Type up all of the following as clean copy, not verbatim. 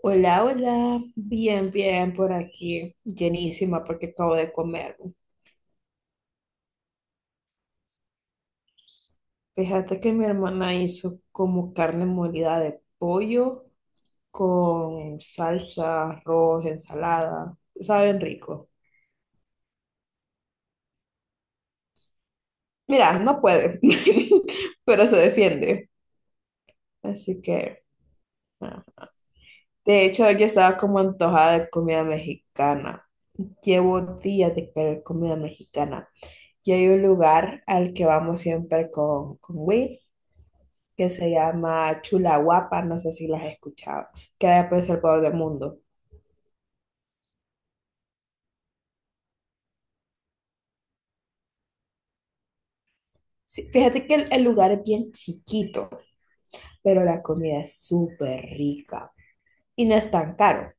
Hola, hola, bien, bien por aquí, llenísima porque acabo de comer. Fíjate que mi hermana hizo como carne molida de pollo con salsa, arroz, ensalada. Saben rico. Mira, no puede, pero se defiende. Así que, ah. De hecho, yo estaba como antojada de comida mexicana. Llevo días de querer comida mexicana. Y hay un lugar al que vamos siempre con Will, que se llama Chula Guapa, no sé si las has escuchado, queda por El Salvador del Mundo. Sí, fíjate que el lugar es bien chiquito, pero la comida es súper rica y no es tan caro.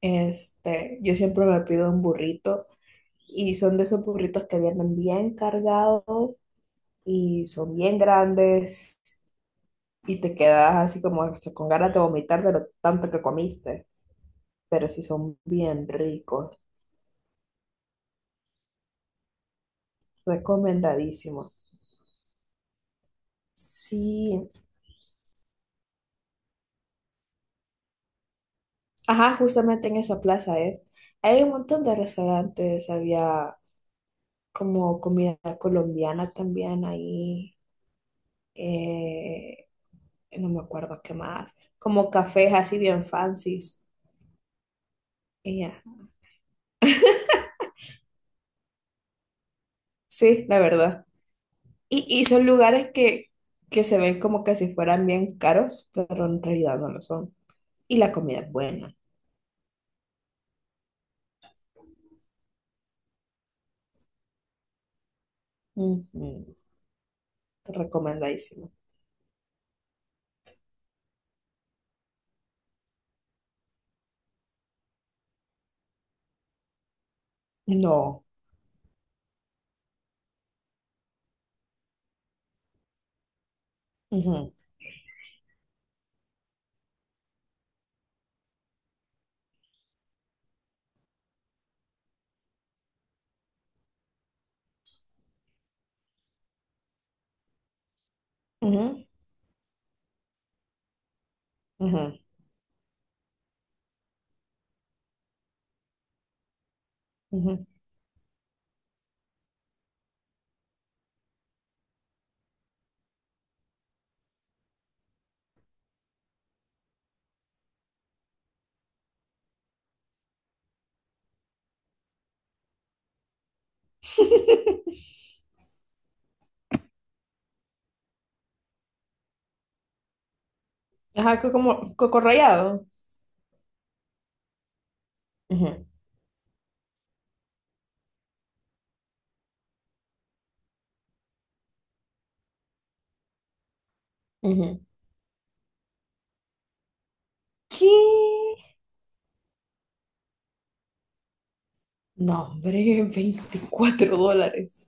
Este, yo siempre me pido un burrito y son de esos burritos que vienen bien cargados y son bien grandes y te quedas así como hasta con ganas de vomitar de lo tanto que comiste, pero sí son bien ricos, recomendadísimos. Sí, ajá, justamente en esa plaza es. Hay un montón de restaurantes, había como comida colombiana también ahí, eh, no me acuerdo qué más, como cafés así bien fancies. Y ya. Sí, la verdad. Y son lugares que se ven como que si fueran bien caros, pero en realidad no lo son. Y la comida es buena. Ujú. Recomendadísimo. No. Ujú, ujú, ujú, ujú. Ajá, como coco rallado. Ujú, ujú. ¿Qué? No, hombre, $24.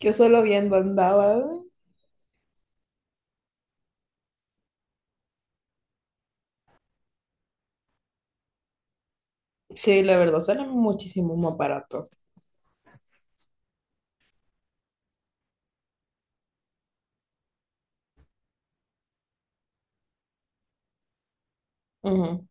Yo solo viendo andaba. Sí, la verdad, sale muchísimo más barato. Ujú.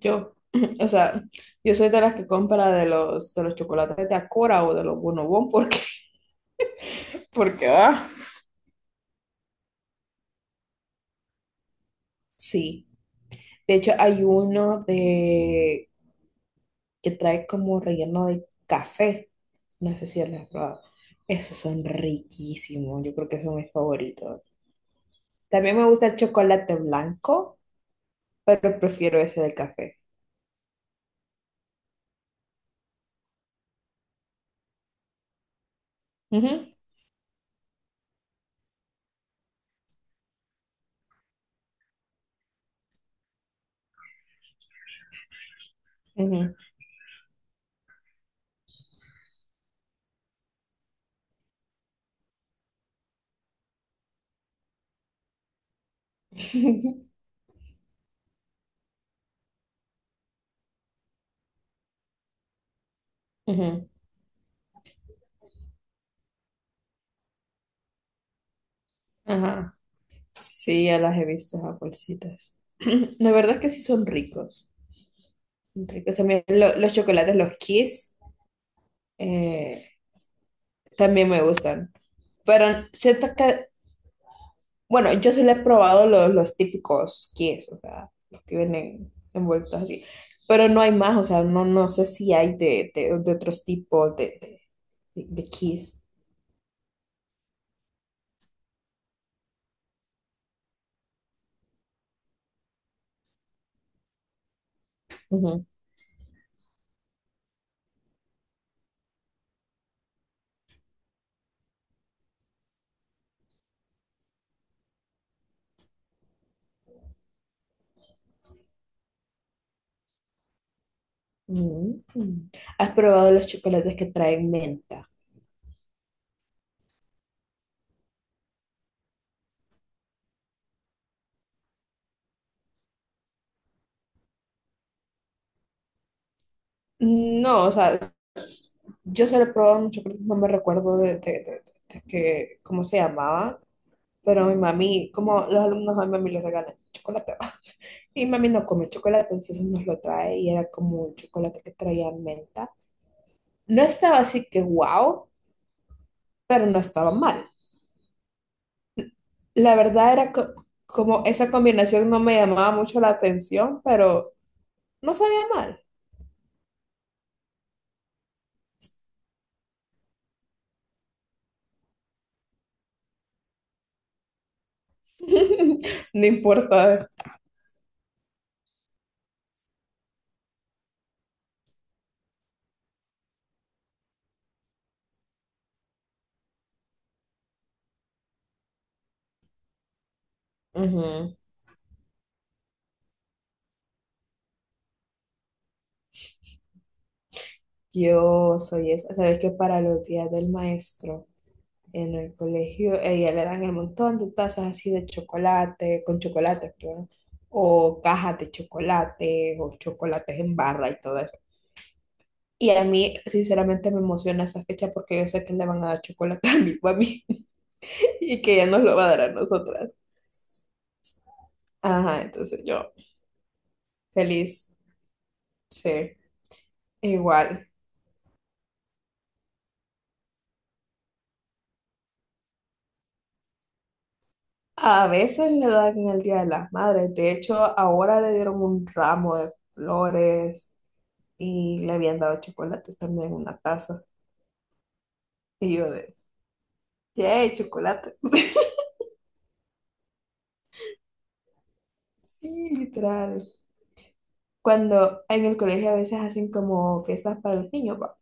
Yo, o sea, yo soy de las que compra de los chocolates de Acora o de los Bonobon porque, porque, sí. De hecho, hay uno de que trae como relleno de café. No sé si lo has probado. Esos son riquísimos. Yo creo que son mis favoritos. También me gusta el chocolate blanco, pero prefiero ese del café. Ujú, ujú, ujú. Ajá. Sí, ya las he visto, esas bolsitas. La verdad es que sí son ricos. Son ricos. También los chocolates, los Kiss, eh, también me gustan. Pero siento que bueno, yo solo he probado los típicos kies, o sea, los que vienen envueltos así. Pero no hay más, o sea, no, no sé si hay de otros tipos de kies. Ujú. Mm. ¿Has probado los chocolates que traen menta? No, o sea, yo solo he probado un chocolate, no me recuerdo de- de- que, cómo se llamaba, pero mi mami, como los alumnos a mi mami le regalan chocolate. Y mami no come chocolate, entonces nos lo trae y era como un chocolate que traía menta. No estaba así que wow, pero no estaba mal. La verdad era como esa combinación no me llamaba mucho la atención, pero no sabía mal. No importa. Ujú. Yo soy esa. ¿Sabes que para los días del maestro? En el colegio, a ella le dan el montón de tazas así de chocolate, con chocolate, perdón, o cajas de chocolate, o chocolates en barra y todo eso. Y a mí, sinceramente, me emociona esa fecha porque yo sé que le van a dar chocolate a mi mami y que ella nos lo va a dar a nosotras. Ajá, entonces yo, feliz, sí, igual. A veces le dan en el Día de las Madres. De hecho, ahora le dieron un ramo de flores y le habían dado chocolates también en una taza. Y yo de, sí, chocolate. Sí, literal. Cuando en el colegio a veces hacen como fiestas para el niño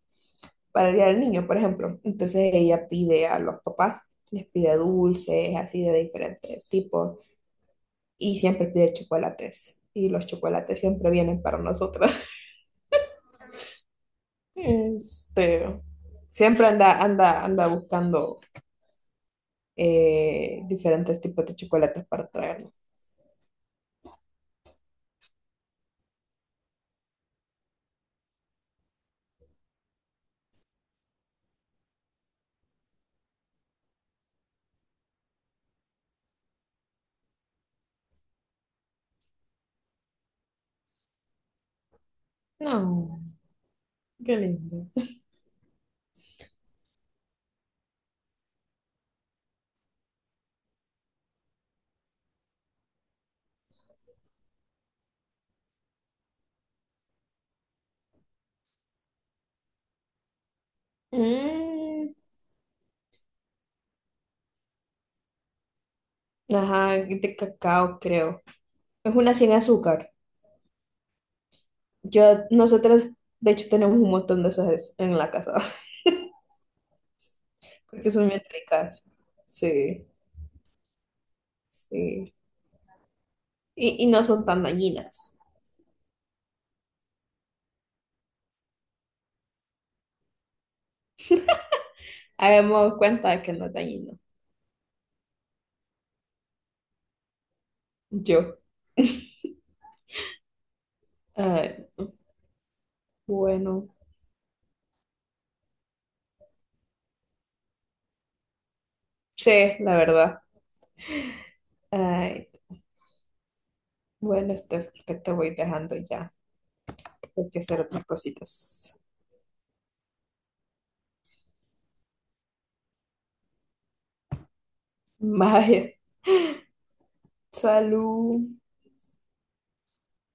para el día del niño, por ejemplo. Entonces ella pide a los papás, les pide dulces, así de diferentes tipos, y siempre pide chocolates. Y los chocolates siempre vienen para nosotras. Este, siempre anda, anda, anda buscando diferentes tipos de chocolates para traernos. No, qué lindo. Mm, ajá, de cacao, creo. Es una sin azúcar. Yo, nosotros, de hecho, tenemos un montón de esas en la casa, porque son bien ricas. Sí, sí. Y no son tan dañinas. Habíamos dado cuenta de que no es dañino. Yo. Ay, bueno, sí, la verdad. Ay, bueno, Steph, creo que te voy dejando ya. Hay que hacer otras cositas. Vaya, salud.